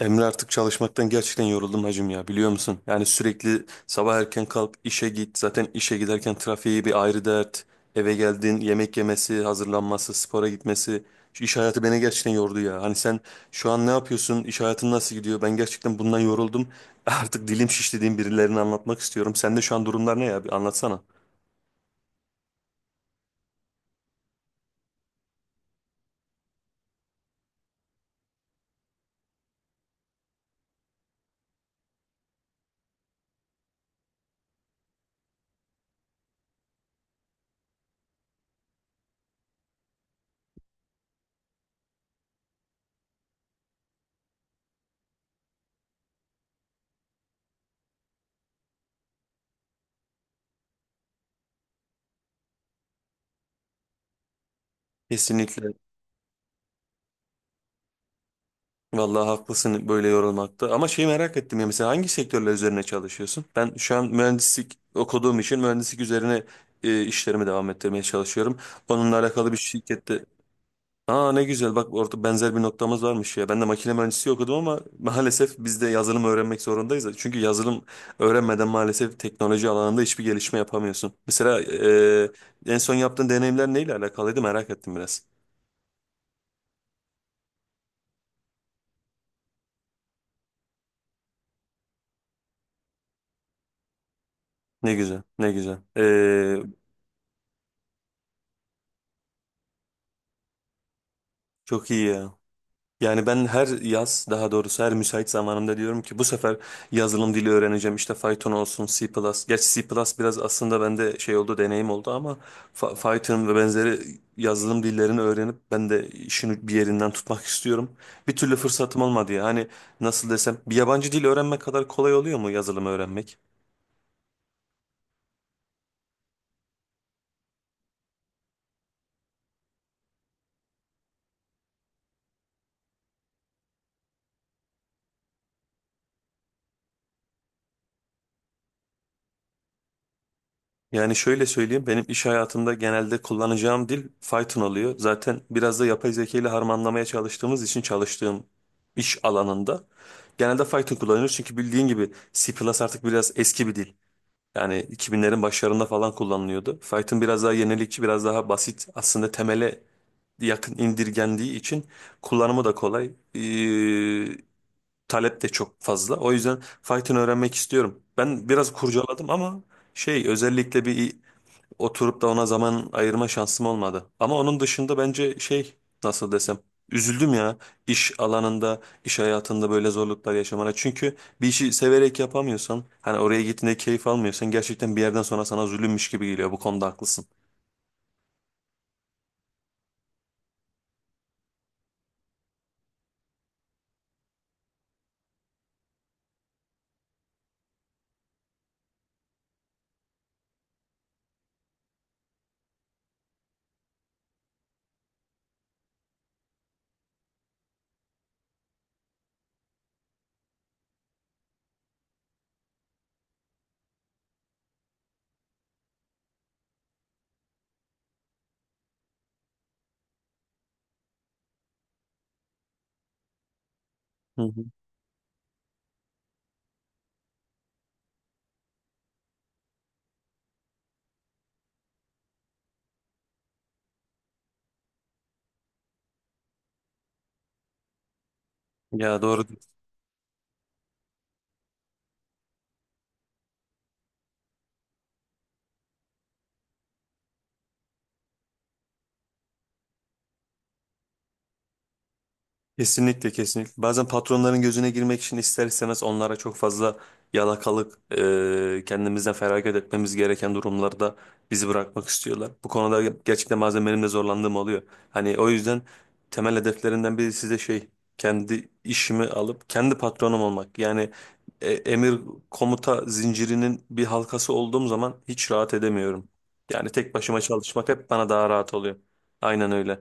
Emre artık çalışmaktan gerçekten yoruldum hacım ya, biliyor musun? Yani sürekli sabah erken kalk işe git, zaten işe giderken trafiği bir ayrı dert. Eve geldin yemek yemesi hazırlanması spora gitmesi, şu iş hayatı beni gerçekten yordu ya. Hani sen şu an ne yapıyorsun, iş hayatın nasıl gidiyor? Ben gerçekten bundan yoruldum. Artık dilim şiş dediğim, birilerine anlatmak istiyorum. Sende şu an durumlar ne ya, bir anlatsana. Kesinlikle. Vallahi haklısın, böyle yorulmakta. Ama şeyi merak ettim ya, mesela hangi sektörler üzerine çalışıyorsun? Ben şu an mühendislik okuduğum için mühendislik üzerine işlerimi devam ettirmeye çalışıyorum. Onunla alakalı bir şirkette. Aa ne güzel, bak orada benzer bir noktamız varmış ya. Ben de makine mühendisliği okudum ama maalesef biz de yazılım öğrenmek zorundayız. Çünkü yazılım öğrenmeden maalesef teknoloji alanında hiçbir gelişme yapamıyorsun. Mesela en son yaptığın deneyimler neyle alakalıydı, merak ettim biraz. Ne güzel, ne güzel. Çok iyi ya. Yani ben her yaz, daha doğrusu her müsait zamanımda diyorum ki bu sefer yazılım dili öğreneceğim. İşte Python olsun, C++. Gerçi C++ biraz aslında bende şey oldu, deneyim oldu ama Python ve benzeri yazılım dillerini öğrenip ben de işini bir yerinden tutmak istiyorum. Bir türlü fırsatım olmadı ya. Hani nasıl desem, bir yabancı dil öğrenmek kadar kolay oluyor mu yazılım öğrenmek? Yani şöyle söyleyeyim, benim iş hayatımda genelde kullanacağım dil Python oluyor. Zaten biraz da yapay zeka ile harmanlamaya çalıştığımız için çalıştığım iş alanında genelde Python kullanıyoruz. Çünkü bildiğin gibi C++ artık biraz eski bir dil. Yani 2000'lerin başlarında falan kullanılıyordu. Python biraz daha yenilikçi, biraz daha basit. Aslında temele yakın indirgendiği için kullanımı da kolay. Ee, talep de çok fazla. O yüzden Python öğrenmek istiyorum. Ben biraz kurcaladım ama şey, özellikle bir oturup da ona zaman ayırma şansım olmadı. Ama onun dışında bence şey, nasıl desem, üzüldüm ya iş alanında, iş hayatında böyle zorluklar yaşamana. Çünkü bir işi severek yapamıyorsan, hani oraya gittiğinde keyif almıyorsan gerçekten bir yerden sonra sana zulümmüş gibi geliyor. Bu konuda haklısın. Hı hı. Ya doğru. Kesinlikle, kesinlikle. Bazen patronların gözüne girmek için ister istemez onlara çok fazla yalakalık, kendimizden feragat etmemiz gereken durumlarda bizi bırakmak istiyorlar. Bu konuda gerçekten bazen benim de zorlandığım oluyor. Hani o yüzden temel hedeflerinden biri size şey, kendi işimi alıp kendi patronum olmak. Yani emir komuta zincirinin bir halkası olduğum zaman hiç rahat edemiyorum. Yani tek başıma çalışmak hep bana daha rahat oluyor. Aynen öyle.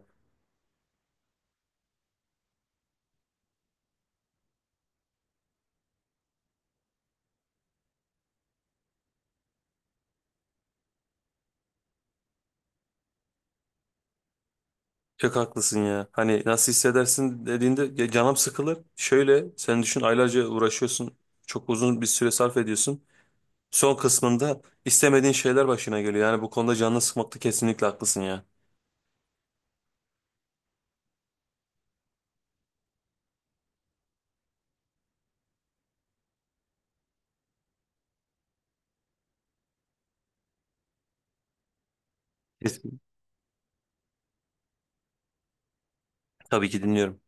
Çok haklısın ya. Hani nasıl hissedersin dediğinde, ya canım sıkılır. Şöyle sen düşün, aylarca uğraşıyorsun. Çok uzun bir süre sarf ediyorsun. Son kısmında istemediğin şeyler başına geliyor. Yani bu konuda canını sıkmakta kesinlikle haklısın ya. Kesin. Tabii ki dinliyorum.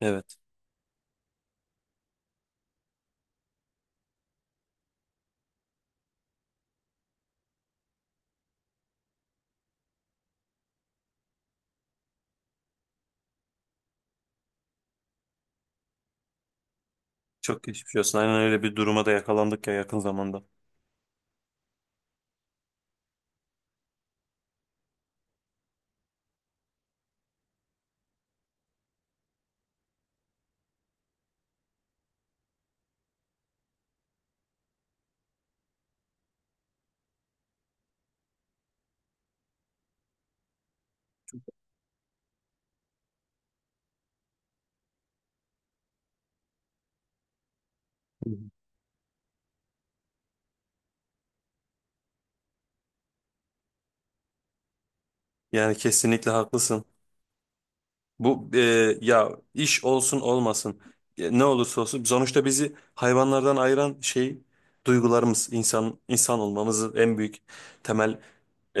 Evet. Çok geçmiş olsun. Aynen öyle bir duruma da yakalandık ya yakın zamanda. Hı hı. Yani kesinlikle haklısın. Bu ya iş olsun olmasın, ne olursa olsun sonuçta bizi hayvanlardan ayıran şey duygularımız, insan insan olmamızın en büyük temel e,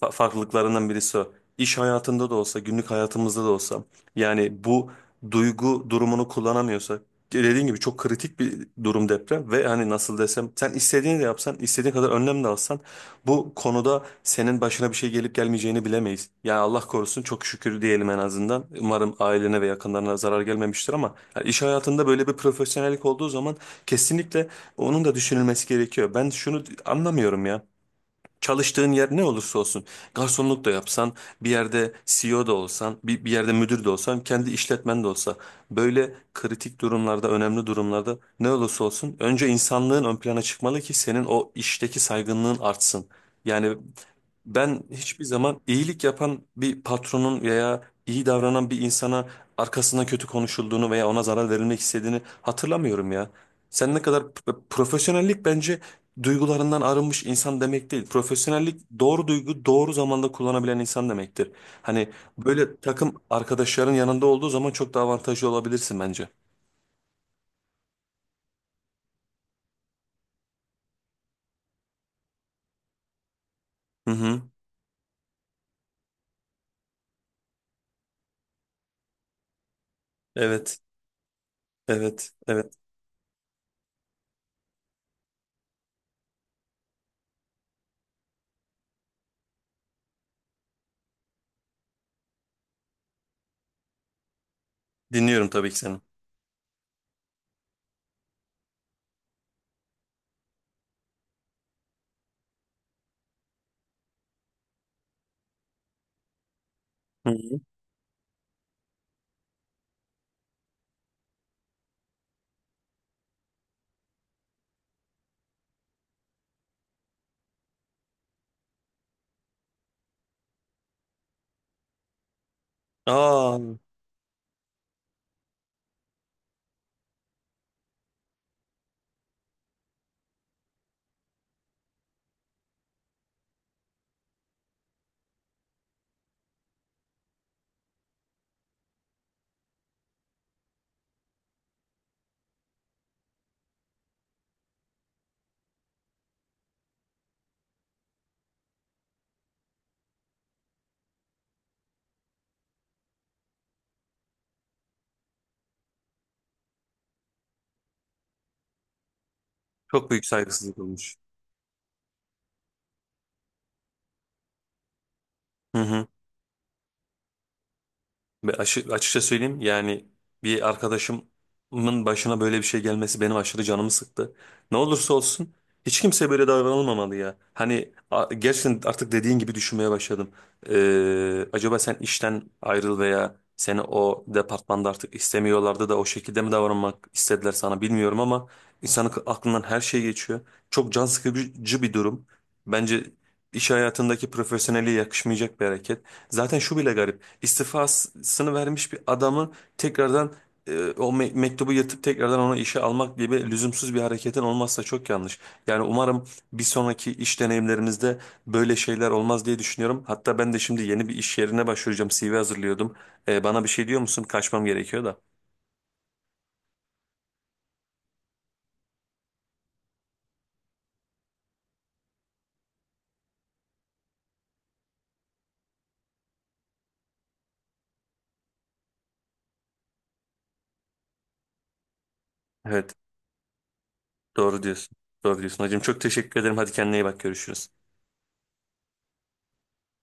farklılıklarından birisi o. İş hayatında da olsa, günlük hayatımızda da olsa yani bu duygu durumunu kullanamıyorsak, dediğin gibi çok kritik bir durum deprem ve hani nasıl desem, sen istediğini de yapsan, istediğin kadar önlem de alsan bu konuda senin başına bir şey gelip gelmeyeceğini bilemeyiz. Yani Allah korusun, çok şükür diyelim en azından. Umarım ailene ve yakınlarına zarar gelmemiştir ama yani iş hayatında böyle bir profesyonellik olduğu zaman kesinlikle onun da düşünülmesi gerekiyor. Ben şunu anlamıyorum ya. Çalıştığın yer ne olursa olsun, garsonluk da yapsan, bir yerde CEO da olsan, bir yerde müdür de olsan, kendi işletmen de olsa, böyle kritik durumlarda, önemli durumlarda ne olursa olsun önce insanlığın ön plana çıkmalı ki senin o işteki saygınlığın artsın. Yani ben hiçbir zaman iyilik yapan bir patronun veya iyi davranan bir insana arkasından kötü konuşulduğunu veya ona zarar verilmek istediğini hatırlamıyorum ya. Sen ne kadar profesyonellik, bence duygularından arınmış insan demek değil. Profesyonellik doğru duygu doğru zamanda kullanabilen insan demektir. Hani böyle takım arkadaşların yanında olduğu zaman çok daha avantajlı olabilirsin bence. Hı hı. Evet. Evet. Evet. Dinliyorum tabii ki seni. Hı hı. Aa, çok büyük saygısızlık olmuş. Hı hı. Açıkça söyleyeyim yani, bir arkadaşımın başına böyle bir şey gelmesi benim aşırı canımı sıktı. Ne olursa olsun hiç kimse böyle davranılmamalı ya. Gerçekten artık dediğin gibi düşünmeye başladım. Acaba sen işten ayrıl veya seni o departmanda artık istemiyorlardı da o şekilde mi davranmak istediler sana, bilmiyorum ama insanın aklından her şey geçiyor. Çok can sıkıcı bir durum. Bence iş hayatındaki profesyonelliğe yakışmayacak bir hareket. Zaten şu bile garip, istifasını vermiş bir adamı tekrardan, o mektubu yırtıp tekrardan onu işe almak gibi lüzumsuz bir hareketin olmazsa çok yanlış. Yani umarım bir sonraki iş deneyimlerinizde böyle şeyler olmaz diye düşünüyorum. Hatta ben de şimdi yeni bir iş yerine başvuracağım. CV hazırlıyordum. E, bana bir şey diyor musun? Kaçmam gerekiyor da. Evet, doğru diyorsun. Doğru diyorsun hacım. Çok teşekkür ederim. Hadi kendine iyi bak. Görüşürüz.